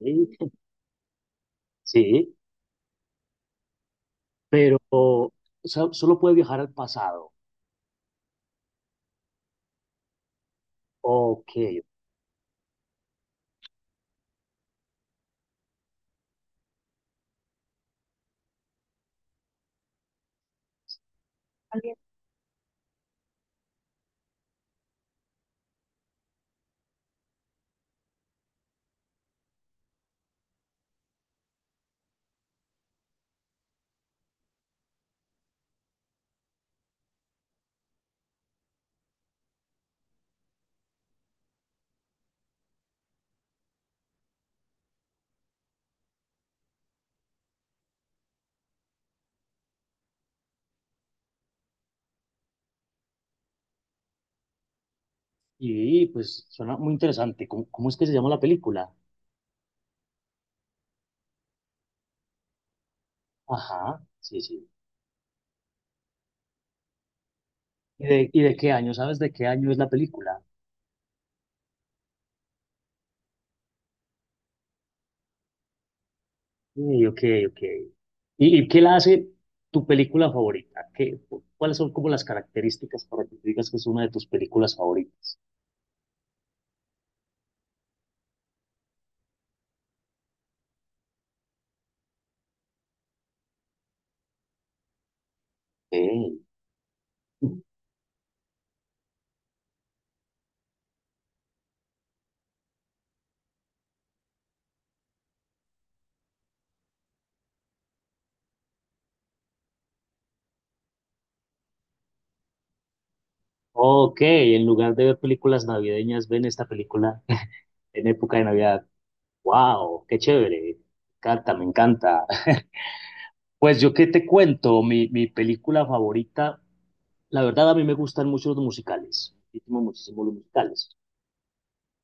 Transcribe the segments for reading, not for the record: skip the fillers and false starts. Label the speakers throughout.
Speaker 1: Sí, sí, pero o sea, solo puede viajar al pasado. Ok. Y pues suena muy interesante. ¿Cómo es que se llama la película? Ajá, sí, sí. ¿Y de qué año? ¿Sabes de qué año es la película? Sí, ok, ok. ¿Y qué la hace tu película favorita? ¿Qué, cuáles son como las características para que tú digas que es una de tus películas favoritas? Sí. Ok, en lugar de ver películas navideñas, ven esta película en época de Navidad. Wow, qué chévere. Me encanta, me encanta. Pues yo qué te cuento, mi película favorita, la verdad a mí me gustan mucho los musicales, muchísimo, muchísimo los musicales.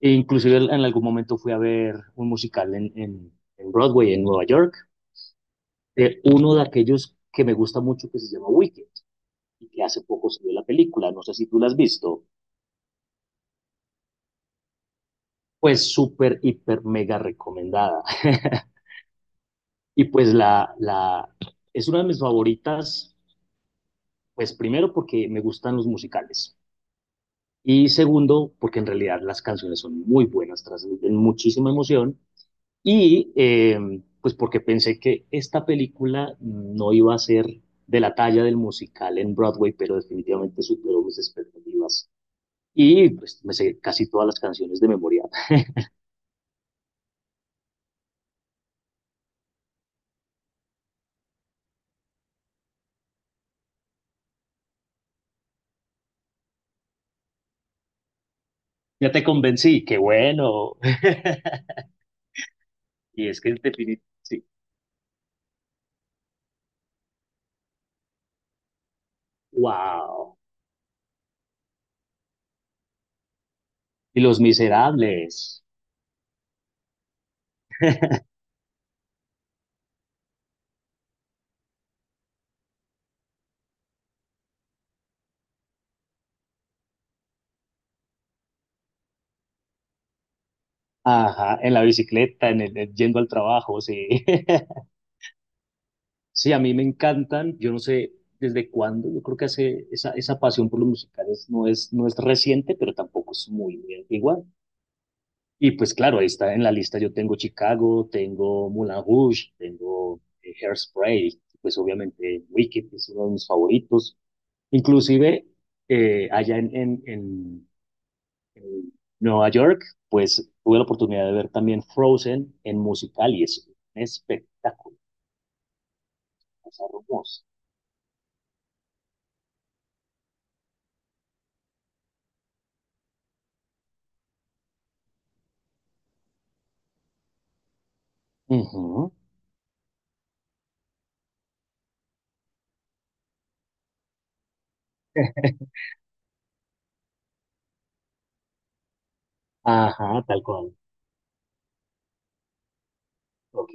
Speaker 1: E inclusive en algún momento fui a ver un musical en Broadway, en Nueva York, de uno de aquellos que me gusta mucho que se llama Wicked, y que hace poco salió la película, no sé si tú la has visto. Pues súper, hiper, mega recomendada. Y pues es una de mis favoritas. Pues primero porque me gustan los musicales, y segundo porque en realidad las canciones son muy buenas, transmiten muchísima emoción, y pues porque pensé que esta película no iba a ser de la talla del musical en Broadway, pero definitivamente superó mis expectativas, y pues me sé casi todas las canciones de memoria. Ya te convencí, qué bueno. Y es que en definitiva, sí, wow. Y Los Miserables. Ajá, en la bicicleta, en yendo al trabajo, sí. Sí, a mí me encantan, yo no sé desde cuándo, yo creo que hace esa, esa pasión por los musicales no es reciente, pero tampoco es muy antigua. Y pues claro, ahí está en la lista, yo tengo Chicago, tengo Moulin Rouge, tengo Hairspray, pues obviamente Wicked es uno de mis favoritos. Inclusive allá en Nueva York, pues tuve la oportunidad de ver también Frozen en musical, y es un espectáculo, es hermoso. Ujú. Ajá, tal cual. Ok.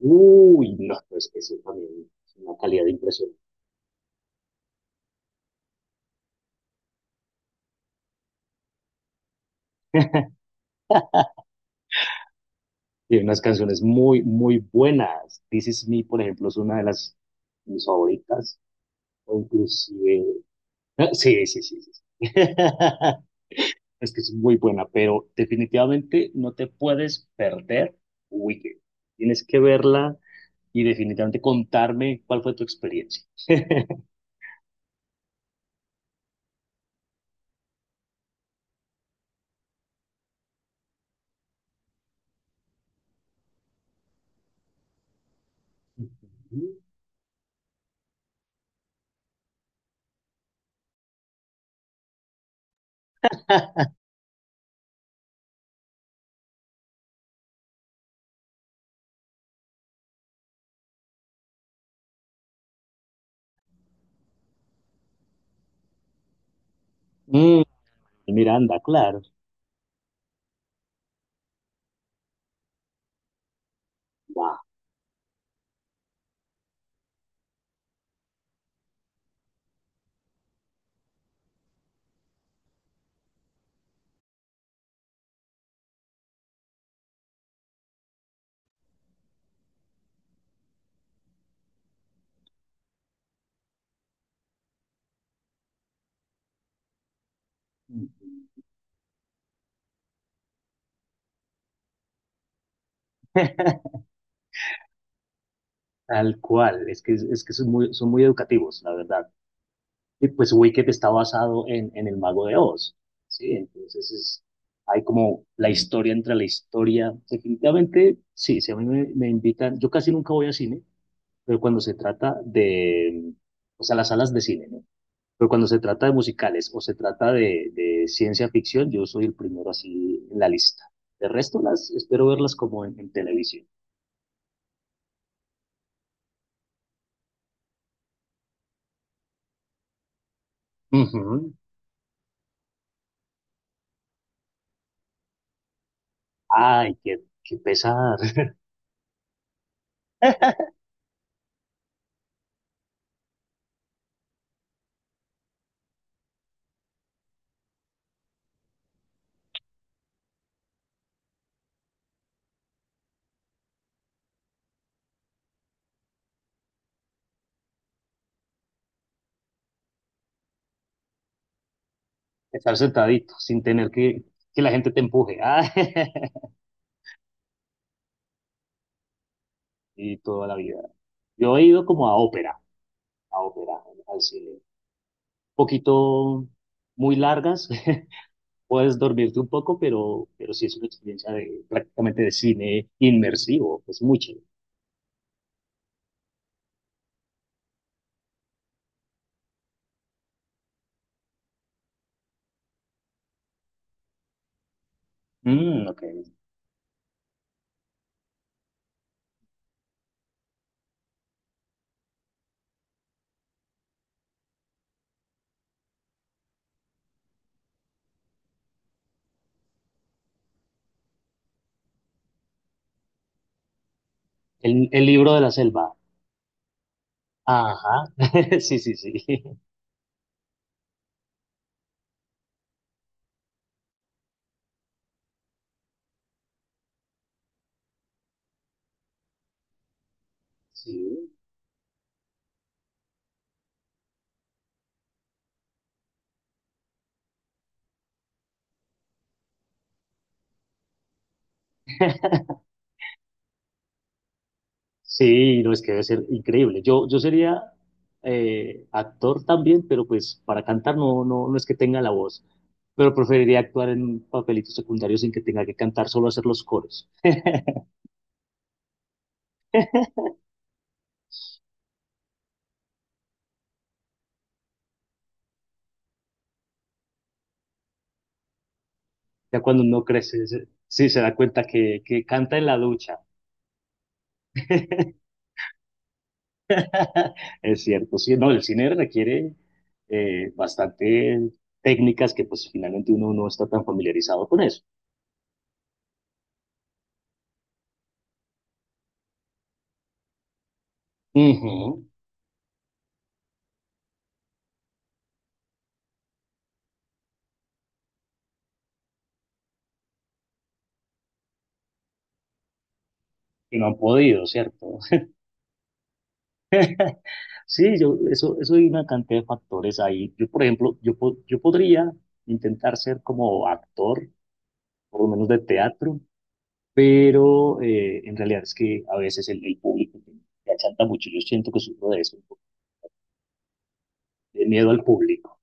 Speaker 1: Uy, no, pues eso también es una calidad impresionante. Tiene unas canciones muy, muy buenas. This Is Me, por ejemplo, es una de las mis favoritas. O inclusive... Sí, sí, sí, sí, sí. Es que es muy buena, pero definitivamente no te puedes perder Wicked. Tienes que verla y definitivamente contarme cuál fue tu experiencia. Mm, Miranda, claro. Wow. Tal cual. Es que son muy educativos, la verdad. Y pues Wicked está basado en el Mago de Oz. Sí, entonces es, hay como la historia entre la historia. Definitivamente, sí, si a mí me invitan, yo casi nunca voy a cine, pero cuando se trata de, o sea, las salas de cine, ¿no? Pero cuando se trata de musicales o se trata de ciencia ficción, yo soy el primero así en la lista. De resto, las espero verlas como en televisión. Ujú. Ay, qué, qué pesar. Estar sentadito sin tener que la gente te empuje. Ay, y toda la vida. Yo he ido como a ópera, al cine. Un poquito muy largas, puedes dormirte un poco, pero sí es una experiencia de, prácticamente de cine inmersivo, es muy chévere. Mm, ok. El libro de la selva. Ajá, sí, sí, sí. Sí. Sí, no, es que debe ser increíble. Yo sería actor también, pero pues para cantar no, no, no es que tenga la voz, pero preferiría actuar en papelitos secundarios sin que tenga que cantar, solo hacer los coros. Ya cuando uno crece, sí se da cuenta que canta en la ducha. Es cierto, sí, no, el cine requiere bastante técnicas que pues finalmente uno no está tan familiarizado con eso. Ujú. Que no han podido, ¿cierto? Sí, yo, eso hay una cantidad de factores ahí. Yo, por ejemplo, yo, yo podría intentar ser como actor, por lo menos de teatro, pero en realidad es que a veces el público me achanta mucho. Yo siento que sufro de eso, de miedo al público.